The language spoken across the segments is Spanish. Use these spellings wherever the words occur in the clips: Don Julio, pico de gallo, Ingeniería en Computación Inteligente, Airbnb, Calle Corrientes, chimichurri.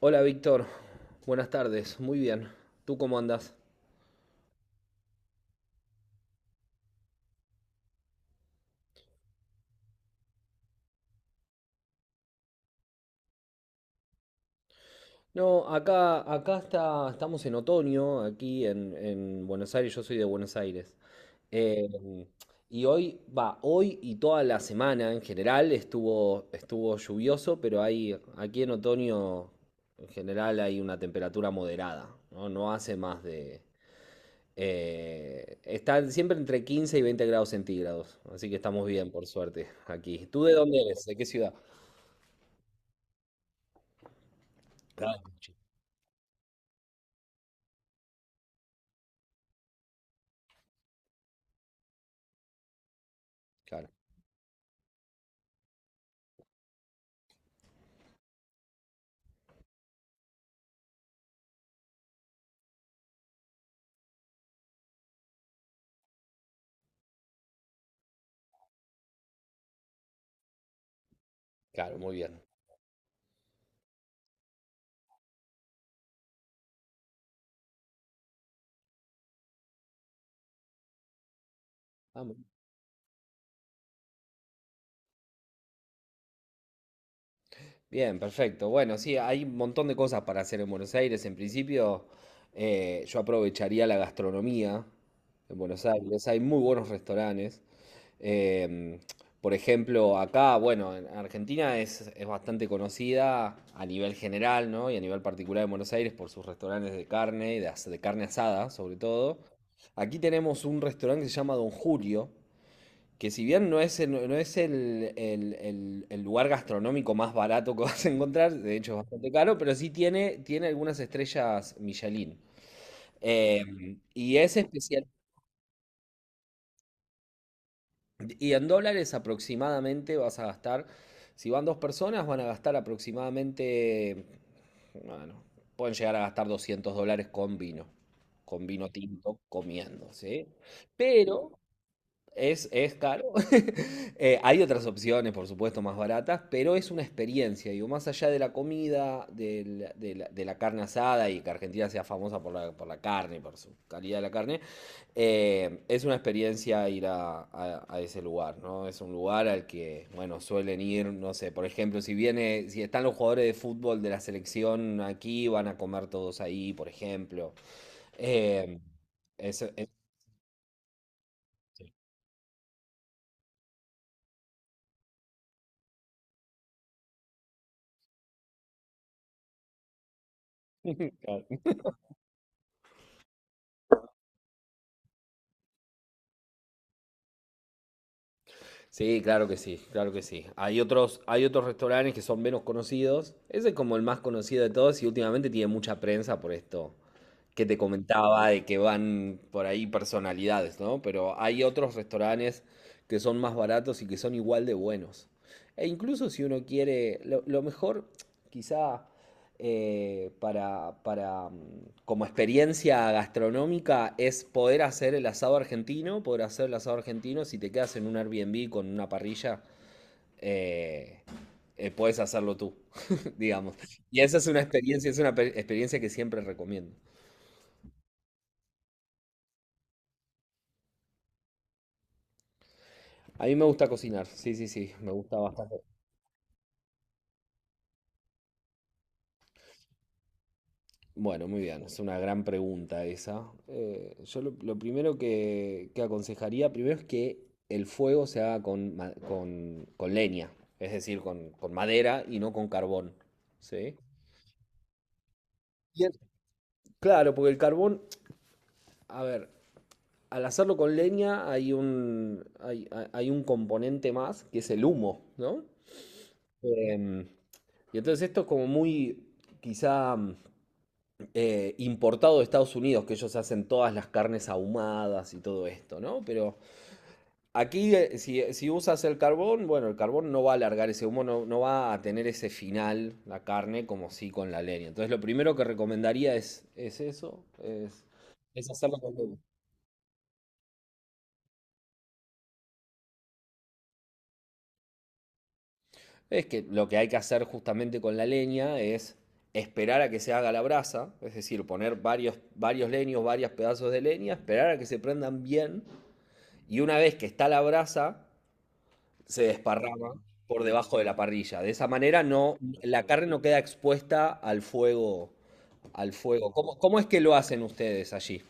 Hola Víctor, buenas tardes, muy bien. ¿Tú cómo andas? No, acá estamos en otoño, aquí en Buenos Aires, yo soy de Buenos Aires. Eh, y hoy y toda la semana en general estuvo lluvioso, pero aquí en otoño en general hay una temperatura moderada, ¿no? No hace más de. Está siempre entre 15 y 20 grados centígrados, así que estamos bien, por suerte, aquí. ¿Tú de dónde eres? ¿De qué ciudad? Claro, claro, muy bien. Ah, bien, perfecto. Bueno, sí, hay un montón de cosas para hacer en Buenos Aires. En principio, yo aprovecharía la gastronomía en Buenos Aires. Hay muy buenos restaurantes. Em, por ejemplo, acá, bueno, en Argentina es bastante conocida a nivel general, ¿no? Y a nivel particular en Buenos Aires por sus restaurantes de carne, y de carne asada, sobre todo. Aquí tenemos un restaurante que se llama Don Julio que si bien no es el lugar gastronómico más barato que vas a encontrar, de hecho es bastante caro, pero sí tiene algunas estrellas Michelin. Eh, y es especial. Y en dólares aproximadamente vas a gastar, si van dos personas, van a gastar aproximadamente, bueno, pueden llegar a gastar $200 con vino tinto, comiendo, ¿sí? Pero. Es caro. Hay otras opciones, por supuesto, más baratas, pero es una experiencia. Digo, más allá de la comida, de la carne asada y que Argentina sea famosa por la carne, por su calidad de la carne, es una experiencia ir a ese lugar, ¿no? Es un lugar al que, bueno, suelen ir, no sé, por ejemplo, si viene, si están los jugadores de fútbol de la selección aquí, van a comer todos ahí, por ejemplo. Eh, es, es- Sí, claro que sí, claro que sí. Hay otros restaurantes que son menos conocidos. Ese es como el más conocido de todos y últimamente tiene mucha prensa por esto que te comentaba de que van por ahí personalidades, ¿no? Pero hay otros restaurantes que son más baratos y que son igual de buenos. E incluso si uno quiere, lo mejor quizá para como experiencia gastronómica es poder hacer el asado argentino, poder hacer el asado argentino, si te quedas en un Airbnb con una parrilla, eh, puedes hacerlo tú, digamos. Y esa es una experiencia, es una experiencia que siempre recomiendo. A mí me gusta cocinar, sí, sí, sí, me gusta bastante. Bueno, muy bien, es una gran pregunta esa. Yo lo primero que aconsejaría, primero es que el fuego se haga con leña, es decir, con madera y no con carbón, ¿sí? Y el- Claro, porque el carbón, a ver, al hacerlo con leña hay un componente más que es el humo, ¿no? Em, y entonces esto es como muy, quizá importado de Estados Unidos, que ellos hacen todas las carnes ahumadas y todo esto, ¿no? Pero aquí, si usas el carbón, bueno, el carbón no va a alargar ese humo, no, no va a tener ese final, la carne, como sí con la leña. Entonces, lo primero que recomendaría es, es eso, es hacerlo con leña. Es que lo que hay que hacer justamente con la leña es esperar a que se haga la brasa, es decir, poner varios leños, varios pedazos de leña, esperar a que se prendan bien, y una vez que está la brasa, se desparrama por debajo de la parrilla. De esa manera no, la carne no queda expuesta al fuego. ¿Cómo es que lo hacen ustedes allí?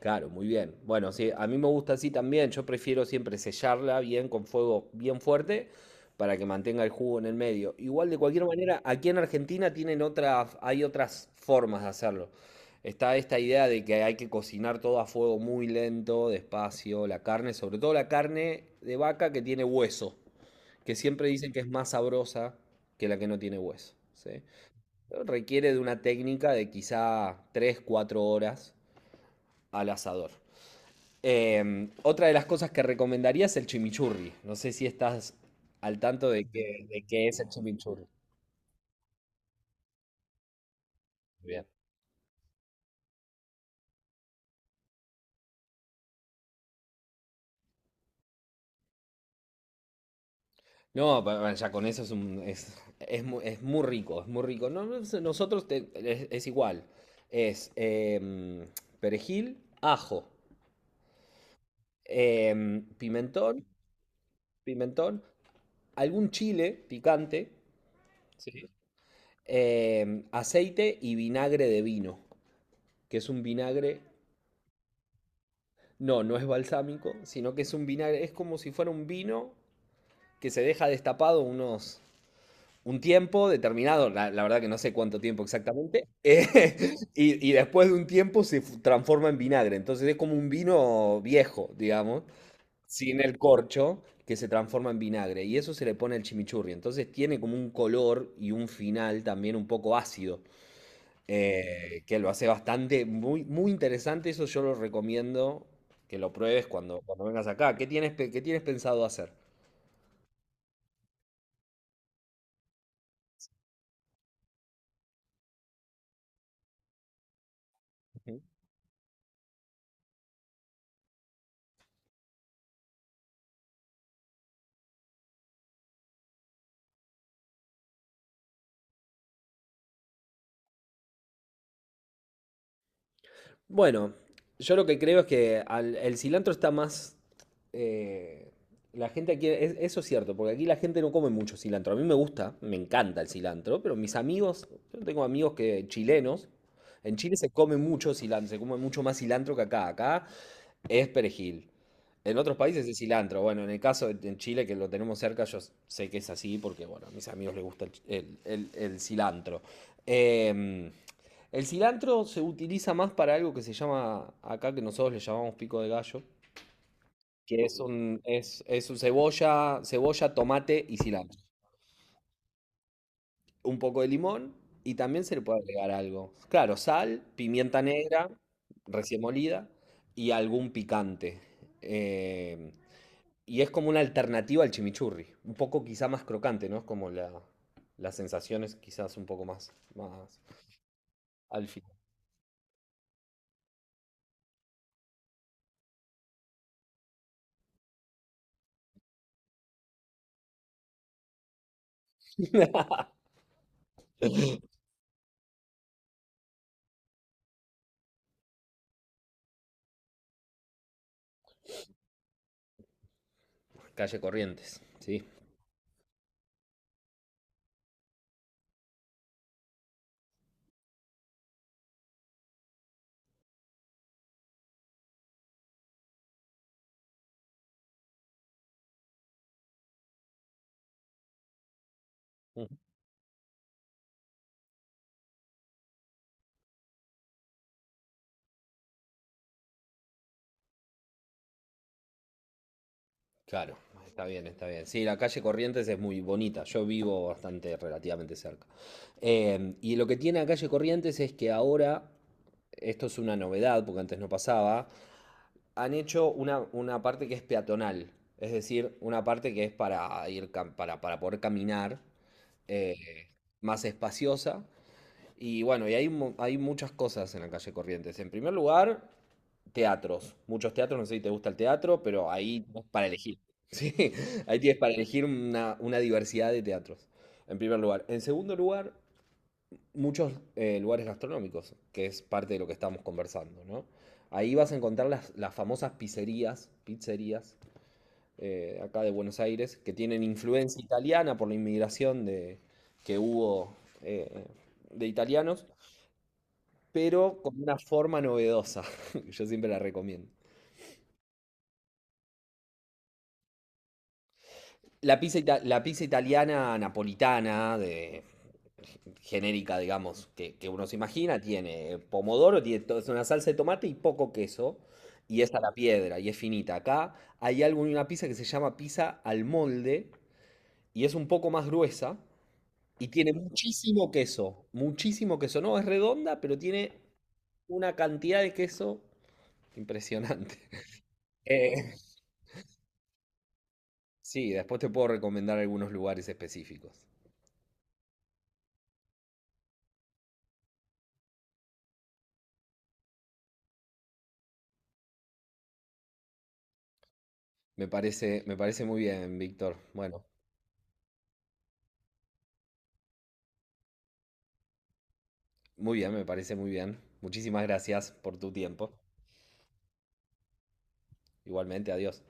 Claro, muy bien. Bueno, sí, a mí me gusta así también. Yo prefiero siempre sellarla bien con fuego bien fuerte para que mantenga el jugo en el medio. Igual de cualquier manera, aquí en Argentina tienen otras, hay otras formas de hacerlo. Está esta idea de que hay que cocinar todo a fuego muy lento, despacio, la carne, sobre todo la carne de vaca que tiene hueso, que siempre dicen que es más sabrosa que la que no tiene hueso, ¿sí? Pero requiere de una técnica de quizá 3 4 horas al asador. Otra de las cosas que recomendaría es el chimichurri. No sé si estás al tanto de qué es el chimichurri. Bien. No, ya con eso es, un- es mu- es muy rico, es muy rico. No, no sé, nosotros es igual. Es perejil, ajo, em, pimentón, pimentón, algún chile picante, Sí. Aceite y vinagre de vino, que es un vinagre, no, no es balsámico, sino que es un vinagre, es como si fuera un vino que se deja destapado un tiempo determinado, la verdad que no sé cuánto tiempo exactamente, y después de un tiempo se transforma en vinagre, entonces es como un vino viejo, digamos, sin el corcho que se transforma en vinagre y eso se le pone al chimichurri. Entonces tiene como un color y un final también un poco ácido, que lo hace bastante, muy, muy interesante. Eso yo lo recomiendo que lo pruebes cuando vengas acá. ¿Qué tienes pensado hacer? Bueno, yo lo que creo es que el cilantro está más, eh, la gente aquí, eso es cierto, porque aquí la gente no come mucho cilantro. A mí me gusta, me encanta el cilantro, pero mis amigos, yo tengo amigos que chilenos, en Chile se come mucho cilantro, se come mucho más cilantro que acá. Acá es perejil. En otros países es cilantro. Bueno, en el caso de en Chile, que lo tenemos cerca, yo sé que es así porque, bueno, a mis amigos les gusta el cilantro. Em, el cilantro se utiliza más para algo que se llama, acá que nosotros le llamamos pico de gallo, que es un cebolla, tomate y cilantro. Un poco de limón y también se le puede agregar algo. Claro, sal, pimienta negra, recién molida y algún picante. Eh, y es como una alternativa al chimichurri, un poco quizá más crocante, ¿no? Es como la, las sensaciones quizás un poco más, más al fin. Calle Corrientes, sí. Claro, está bien, está bien. Sí, la calle Corrientes es muy bonita. Yo vivo bastante relativamente cerca. Y lo que tiene la calle Corrientes es que ahora, esto es una novedad porque antes no pasaba, han hecho una parte que es peatonal. Es decir, una parte que es para para poder caminar, eh, más espaciosa. Y bueno, y hay muchas cosas en la calle Corrientes. En primer lugar, teatros. Muchos teatros, no sé si te gusta el teatro, pero ahí tenés para elegir. Sí, ahí tienes para elegir una diversidad de teatros, en primer lugar. En segundo lugar, muchos lugares gastronómicos, que es parte de lo que estamos conversando, ¿no? Ahí vas a encontrar las famosas pizzerías, acá de Buenos Aires, que tienen influencia italiana por la inmigración que hubo eh, de italianos pero con una forma novedosa. que yo siempre la recomiendo. La pizza italiana napolitana, de, genérica, digamos, que uno se imagina, tiene pomodoro, es una salsa de tomate y poco queso, y es a la piedra, y es finita. Acá hay algo en una pizza que se llama pizza al molde, y es un poco más gruesa, y tiene muchísimo queso, muchísimo queso. No es redonda, pero tiene una cantidad de queso impresionante. Eh, Sí, después te puedo recomendar algunos lugares específicos. Me parece muy bien, Víctor. Bueno, muy bien, me parece muy bien. Muchísimas gracias por tu tiempo. Igualmente, adiós.